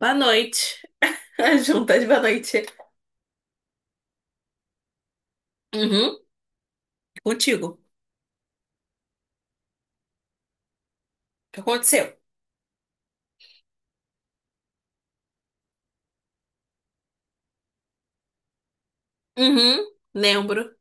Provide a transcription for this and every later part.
Boa noite. As juntas, boa noite. Uhum, contigo. O que aconteceu? Uhum, lembro.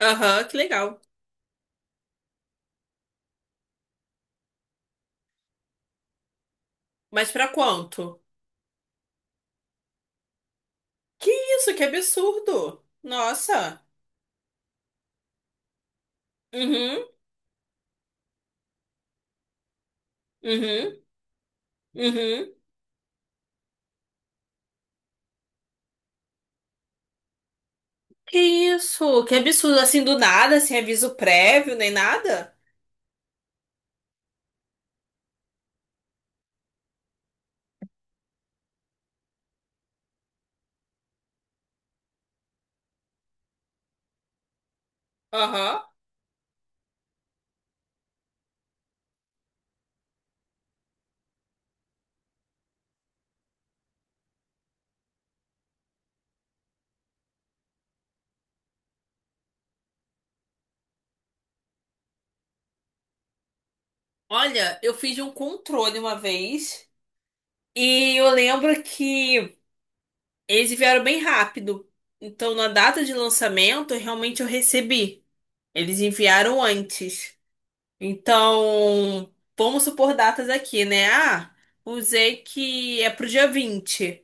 Aham, que legal. Mas pra quanto? Que isso, que absurdo. Nossa. Uhum, uhum, uhum. Que isso, que absurdo. Assim, do nada, sem aviso prévio, nem nada. Aham. Olha, eu fiz um controle uma vez e eu lembro que eles vieram bem rápido. Então, na data de lançamento, realmente eu recebi. Eles enviaram antes. Então, vamos supor datas aqui, né? Usei que é pro dia 20.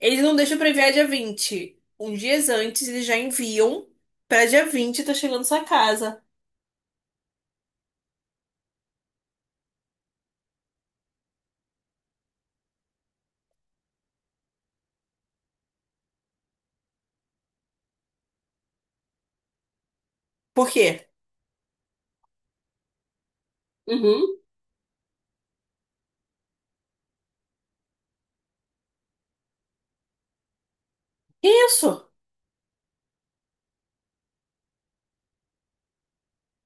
Eles não deixam pra enviar dia 20. Uns dias antes, eles já enviam pra dia 20 tá chegando sua casa. Por quê? Uhum. Que isso.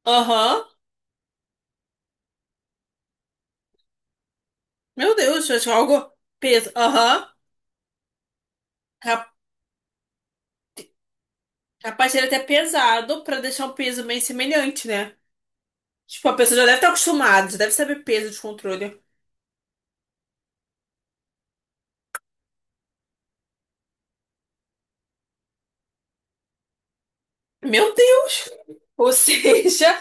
Aham. Meu Deus, eu acho algo peso. Aham. Ca- Capaz de ele é até pesado pra deixar um peso meio semelhante, né? Tipo, a pessoa já deve estar acostumada, já deve saber peso de controle. Meu Deus! Ou seja,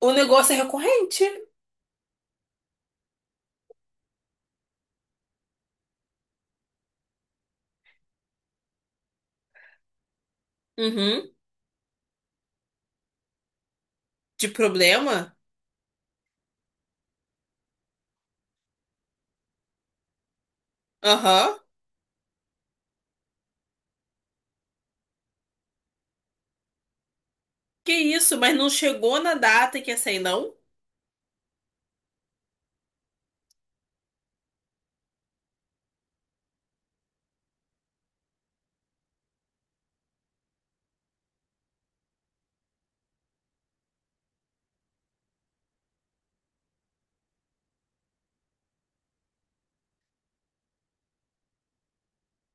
o negócio é recorrente. Uhum. De problema? Aham. Que isso, mas não chegou na data que ia sair, não?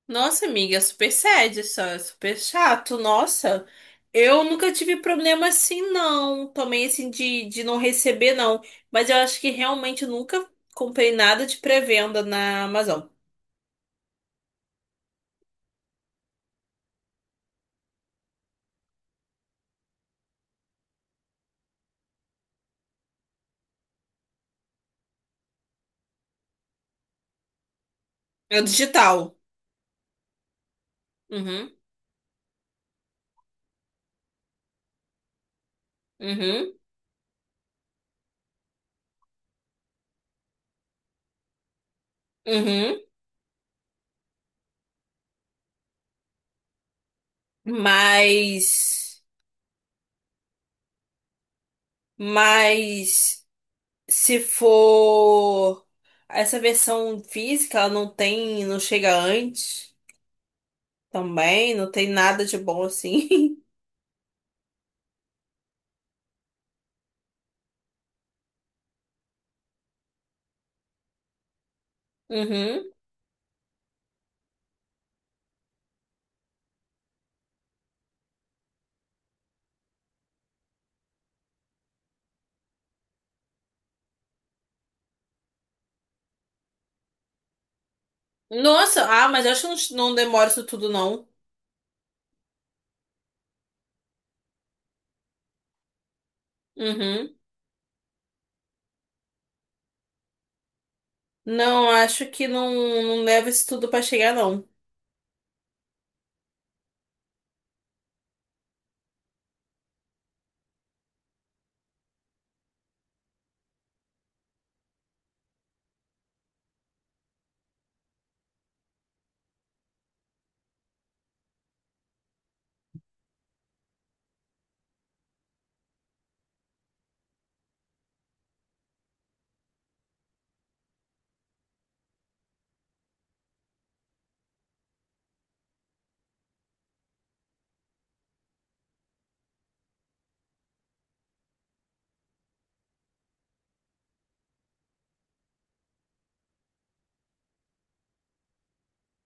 Nossa, amiga, é super sad, isso é super chato. Nossa, eu nunca tive problema assim, não. Também, assim, de não receber, não. Mas eu acho que realmente eu nunca comprei nada de pré-venda na Amazon. É digital. Uhum, uhum, uhum. Mas, mas se for essa versão física, ela não tem, não chega antes também, não tem nada de bom assim. Uhum. Nossa, ah, mas eu acho que não, não demora isso tudo não. Uhum. Não, acho que não, não leva isso tudo pra chegar não.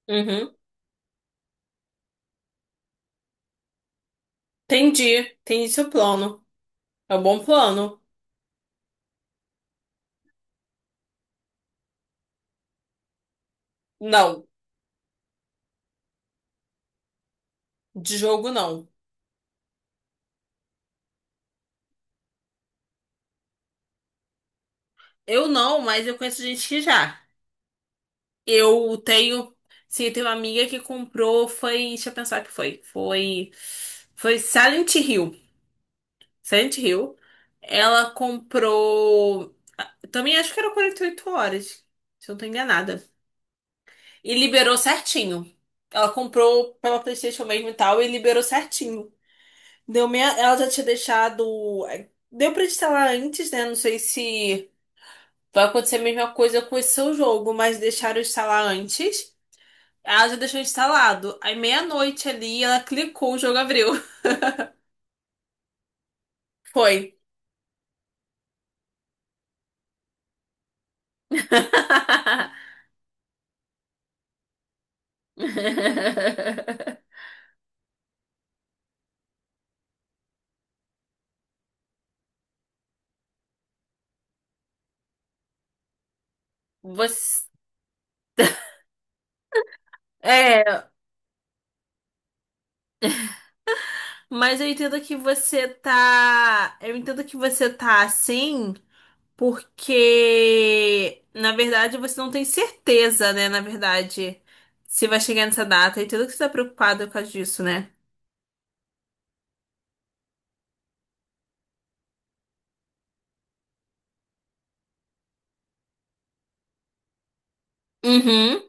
Uhum. Entendi, entendi seu plano. É um bom plano. Não, de jogo não. Eu não, mas eu conheço gente que já. Eu tenho. Sim, eu tenho uma amiga que comprou. Foi. Deixa eu pensar o que foi. Foi. Foi Silent Hill. Silent Hill. Ela comprou. Também acho que era 48 horas. Se eu não tô enganada. E liberou certinho. Ela comprou pela PlayStation mesmo e tal. E liberou certinho. Deu meia... Ela já tinha deixado. Deu pra instalar antes, né? Não sei se vai acontecer a mesma coisa com esse seu jogo, mas deixaram instalar antes. Ela já deixou instalado. Aí meia-noite ali, ela clicou, o jogo abriu. Foi. Você... É, mas eu entendo que você tá. Eu entendo que você tá assim, porque na verdade você não tem certeza, né? Na verdade, se vai chegar nessa data. Eu entendo que você tá preocupado por causa disso, né? Uhum.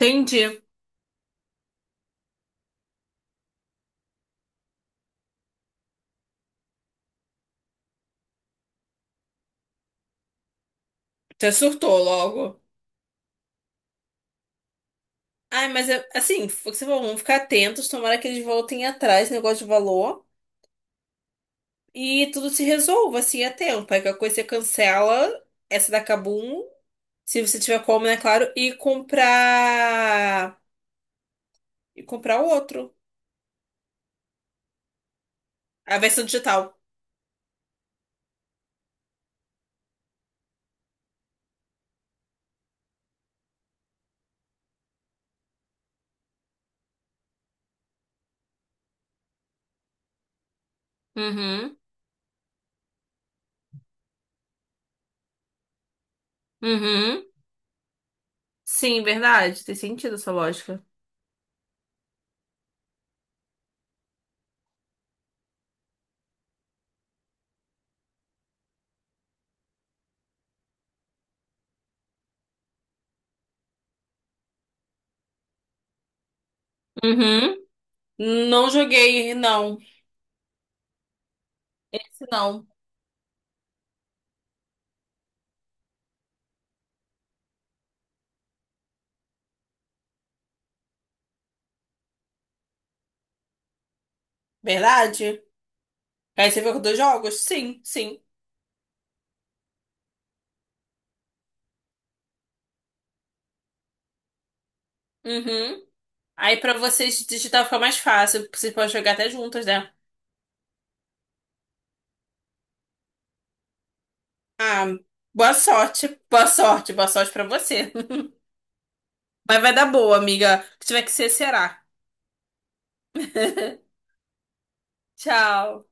Entendi. Você surtou logo. Ai, assim, foi o que você falou, vamos ficar atentos, tomara que eles voltem atrás, né, negócio de valor, e tudo se resolva, assim, a tempo. Aí qualquer coisa você cancela essa da Kabum, se você tiver como, né, claro, e comprar. E comprar outro. A versão digital. Uhum, uhum. Sim, verdade. Tem sentido essa lógica. Uhum. Não joguei, não. Esse não. Verdade? Aí você viu com dois jogos? Sim, sim. Uhum. Aí pra vocês digitar fica mais fácil, vocês podem jogar até juntas, né? Ah, boa sorte, boa sorte, boa sorte pra você. Mas vai dar boa, amiga. O que tiver que ser, será. Tchau.